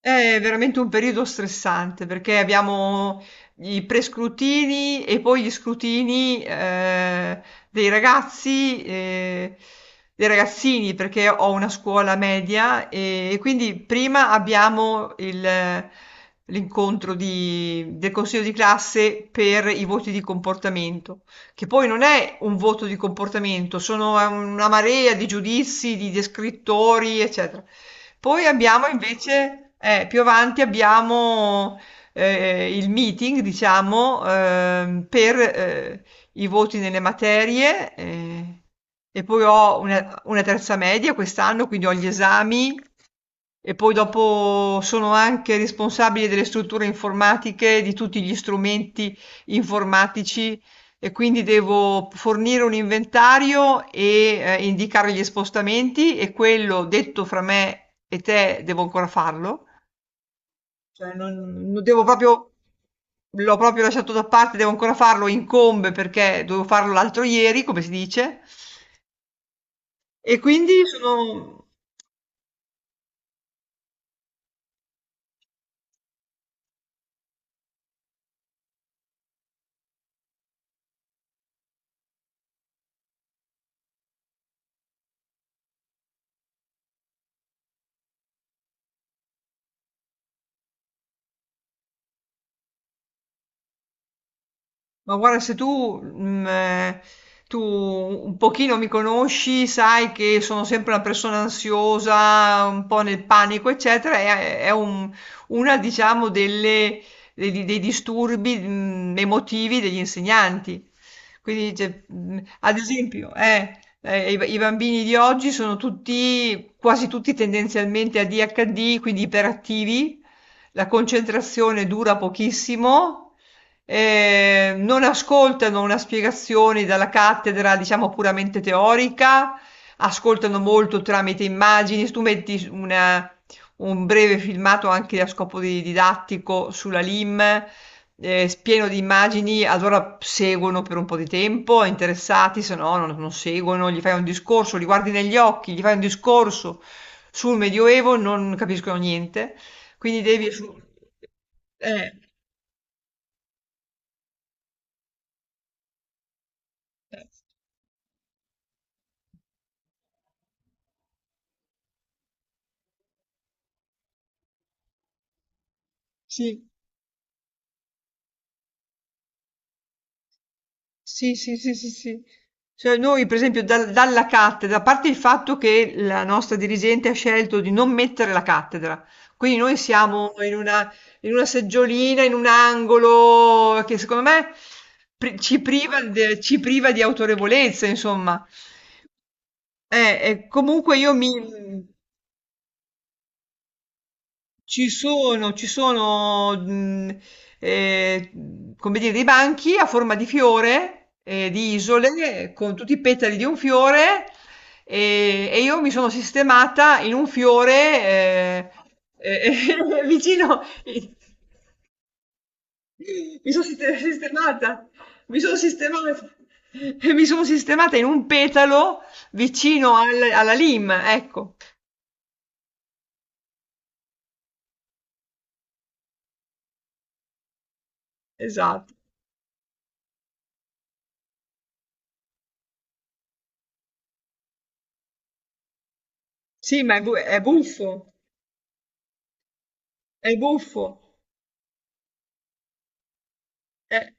È veramente un periodo stressante perché abbiamo i prescrutini e poi gli scrutini dei ragazzi, dei ragazzini, perché ho una scuola media e quindi prima abbiamo l'incontro del consiglio di classe per i voti di comportamento, che poi non è un voto di comportamento, sono una marea di giudizi, di descrittori, eccetera. Poi abbiamo invece, più avanti abbiamo il meeting, diciamo, per i voti nelle materie e poi ho una terza media quest'anno, quindi ho gli esami e poi dopo sono anche responsabile delle strutture informatiche, di tutti gli strumenti informatici e quindi devo fornire un inventario e indicare gli spostamenti e quello detto fra me e te devo ancora farlo. Non devo proprio, l'ho proprio lasciato da parte, devo ancora farlo, incombe perché dovevo farlo l'altro ieri, come si dice. E quindi sono. Ma guarda, se tu, tu un pochino mi conosci, sai che sono sempre una persona ansiosa, un po' nel panico, eccetera, è una, diciamo, dei, dei disturbi, emotivi degli insegnanti. Quindi, cioè, ad esempio, i bambini di oggi sono tutti, quasi tutti tendenzialmente ADHD, quindi iperattivi, la concentrazione dura pochissimo non ascoltano una spiegazione dalla cattedra, diciamo puramente teorica, ascoltano molto tramite immagini. Se tu metti un breve filmato anche a scopo didattico sulla LIM, pieno di immagini, allora seguono per un po' di tempo, interessati, se no non seguono, gli fai un discorso, li guardi negli occhi, gli fai un discorso sul Medioevo, non capiscono niente. Quindi devi... Eh, sì. Sì, sì, sì, sì, sì. Cioè noi per esempio dalla cattedra, a parte il fatto che la nostra dirigente ha scelto di non mettere la cattedra, quindi noi siamo in una seggiolina, in un angolo che secondo me ci priva, ci priva di autorevolezza, insomma. E comunque io mi... ci sono, eh, come dire, dei banchi a forma di fiore, di isole, con tutti i petali di un fiore, e io mi sono sistemata in un fiore, eh, eh, vicino, mi sono siste- sistemata, mi sono sistemata, mi sono sistemata in un petalo vicino alla lima, ecco, esatto. Sì, ma è buffo, è buffo. Eh,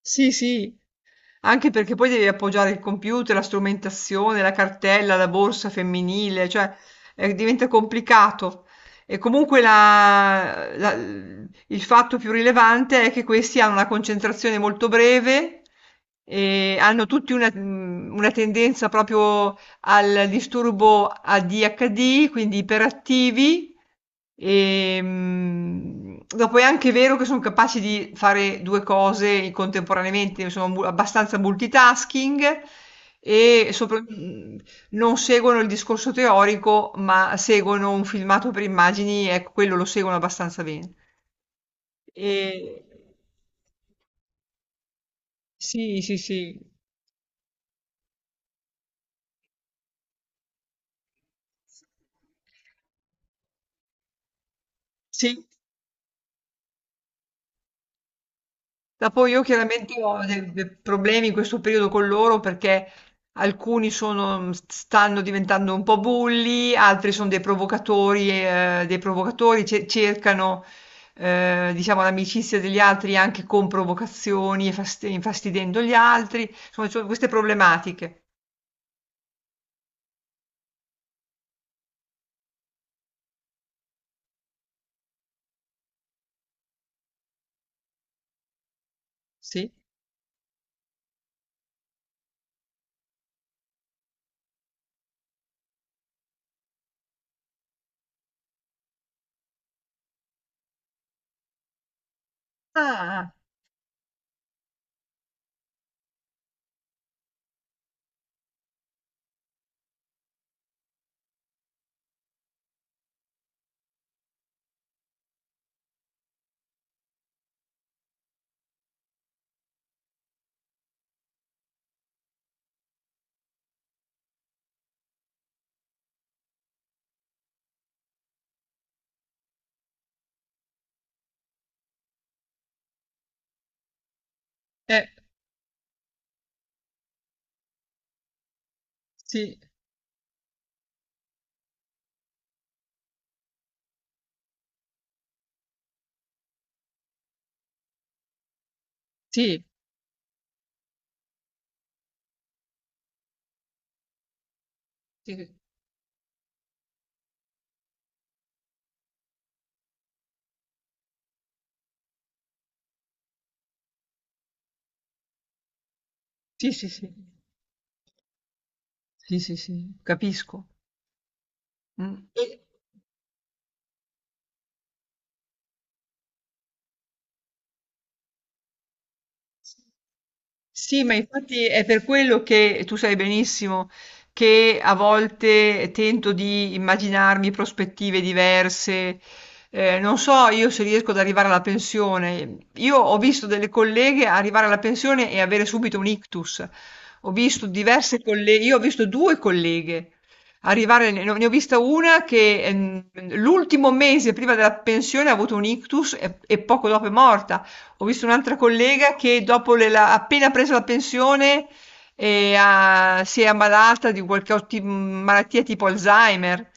sì, sì, anche perché poi devi appoggiare il computer, la strumentazione, la cartella, la borsa femminile, cioè diventa complicato. E comunque il fatto più rilevante è che questi hanno una concentrazione molto breve e hanno tutti una tendenza proprio al disturbo ADHD, quindi iperattivi. E, dopo è anche vero che sono capaci di fare due cose contemporaneamente, sono abbastanza multitasking e non seguono il discorso teorico, ma seguono un filmato per immagini, ecco, quello lo seguono abbastanza bene. E... Sì, sì, sì. Sì, ma poi io chiaramente ho dei problemi in questo periodo con loro perché stanno diventando un po' bulli, altri sono dei provocatori cercano, diciamo, l'amicizia degli altri anche con provocazioni e infastidendo gli altri. Insomma, ci sono queste problematiche. Sì. Ah, eh, sì, sì, sì, sì, sì, sì, sì, sì, sì, capisco. Mm. E... sì, ma infatti è per quello che tu sai benissimo che a volte tento di immaginarmi prospettive diverse. Non so io se riesco ad arrivare alla pensione. Io ho visto delle colleghe arrivare alla pensione e avere subito un ictus. Ho visto diverse colleghe, io ho visto due colleghe arrivare, ne ho vista una che l'ultimo mese prima della pensione ha avuto un ictus e poco dopo è morta. Ho visto un'altra collega che dopo le la appena preso la pensione e si è ammalata di qualche malattia tipo Alzheimer.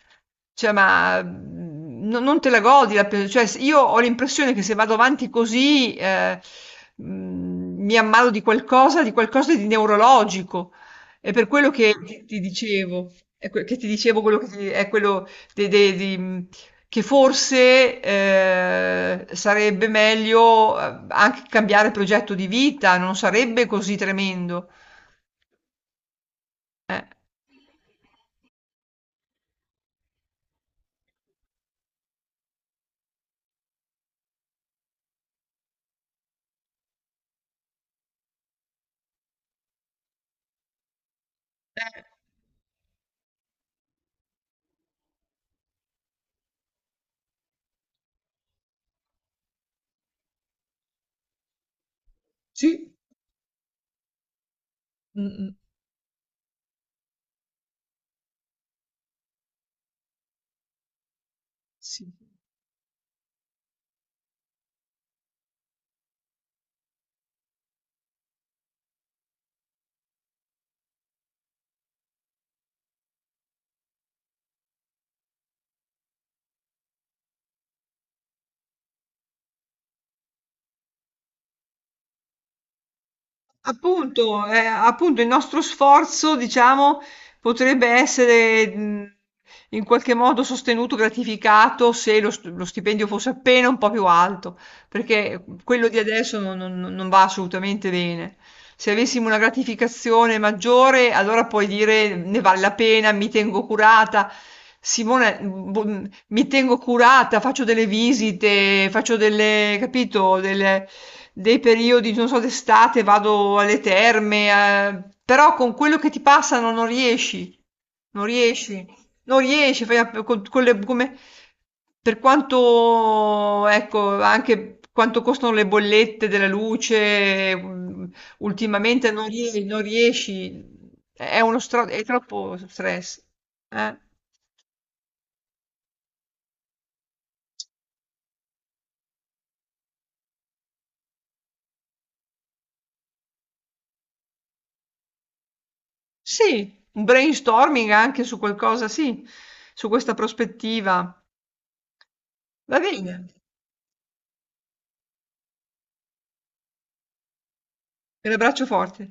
Cioè, ma non te la godi cioè, io ho l'impressione che se vado avanti così mi ammalo di qualcosa, di qualcosa di neurologico. È per quello che ti dicevo, è que- che ti dicevo quello che ti- è quello dei che forse, sarebbe meglio, anche cambiare progetto di vita, non sarebbe così tremendo. Eh. Eh, sì. Mh-mh. Sì. Appunto, appunto il nostro sforzo, diciamo, potrebbe essere in qualche modo sostenuto, gratificato se lo, lo stipendio fosse appena un po' più alto, perché quello di adesso non va assolutamente bene. Se avessimo una gratificazione maggiore, allora puoi dire ne vale la pena, mi tengo curata. Simone, boh, mi tengo curata, faccio delle visite, faccio delle, capito, dei periodi, non so, d'estate vado alle terme, però con quello che ti passano non riesci, non riesci, non riesci, fai con come, per quanto, ecco, anche quanto costano le bollette della luce, ultimamente non riesci, è uno è troppo stress. Eh? Sì, un brainstorming anche su qualcosa, sì, su questa prospettiva. Va bene, te l'abbraccio forte.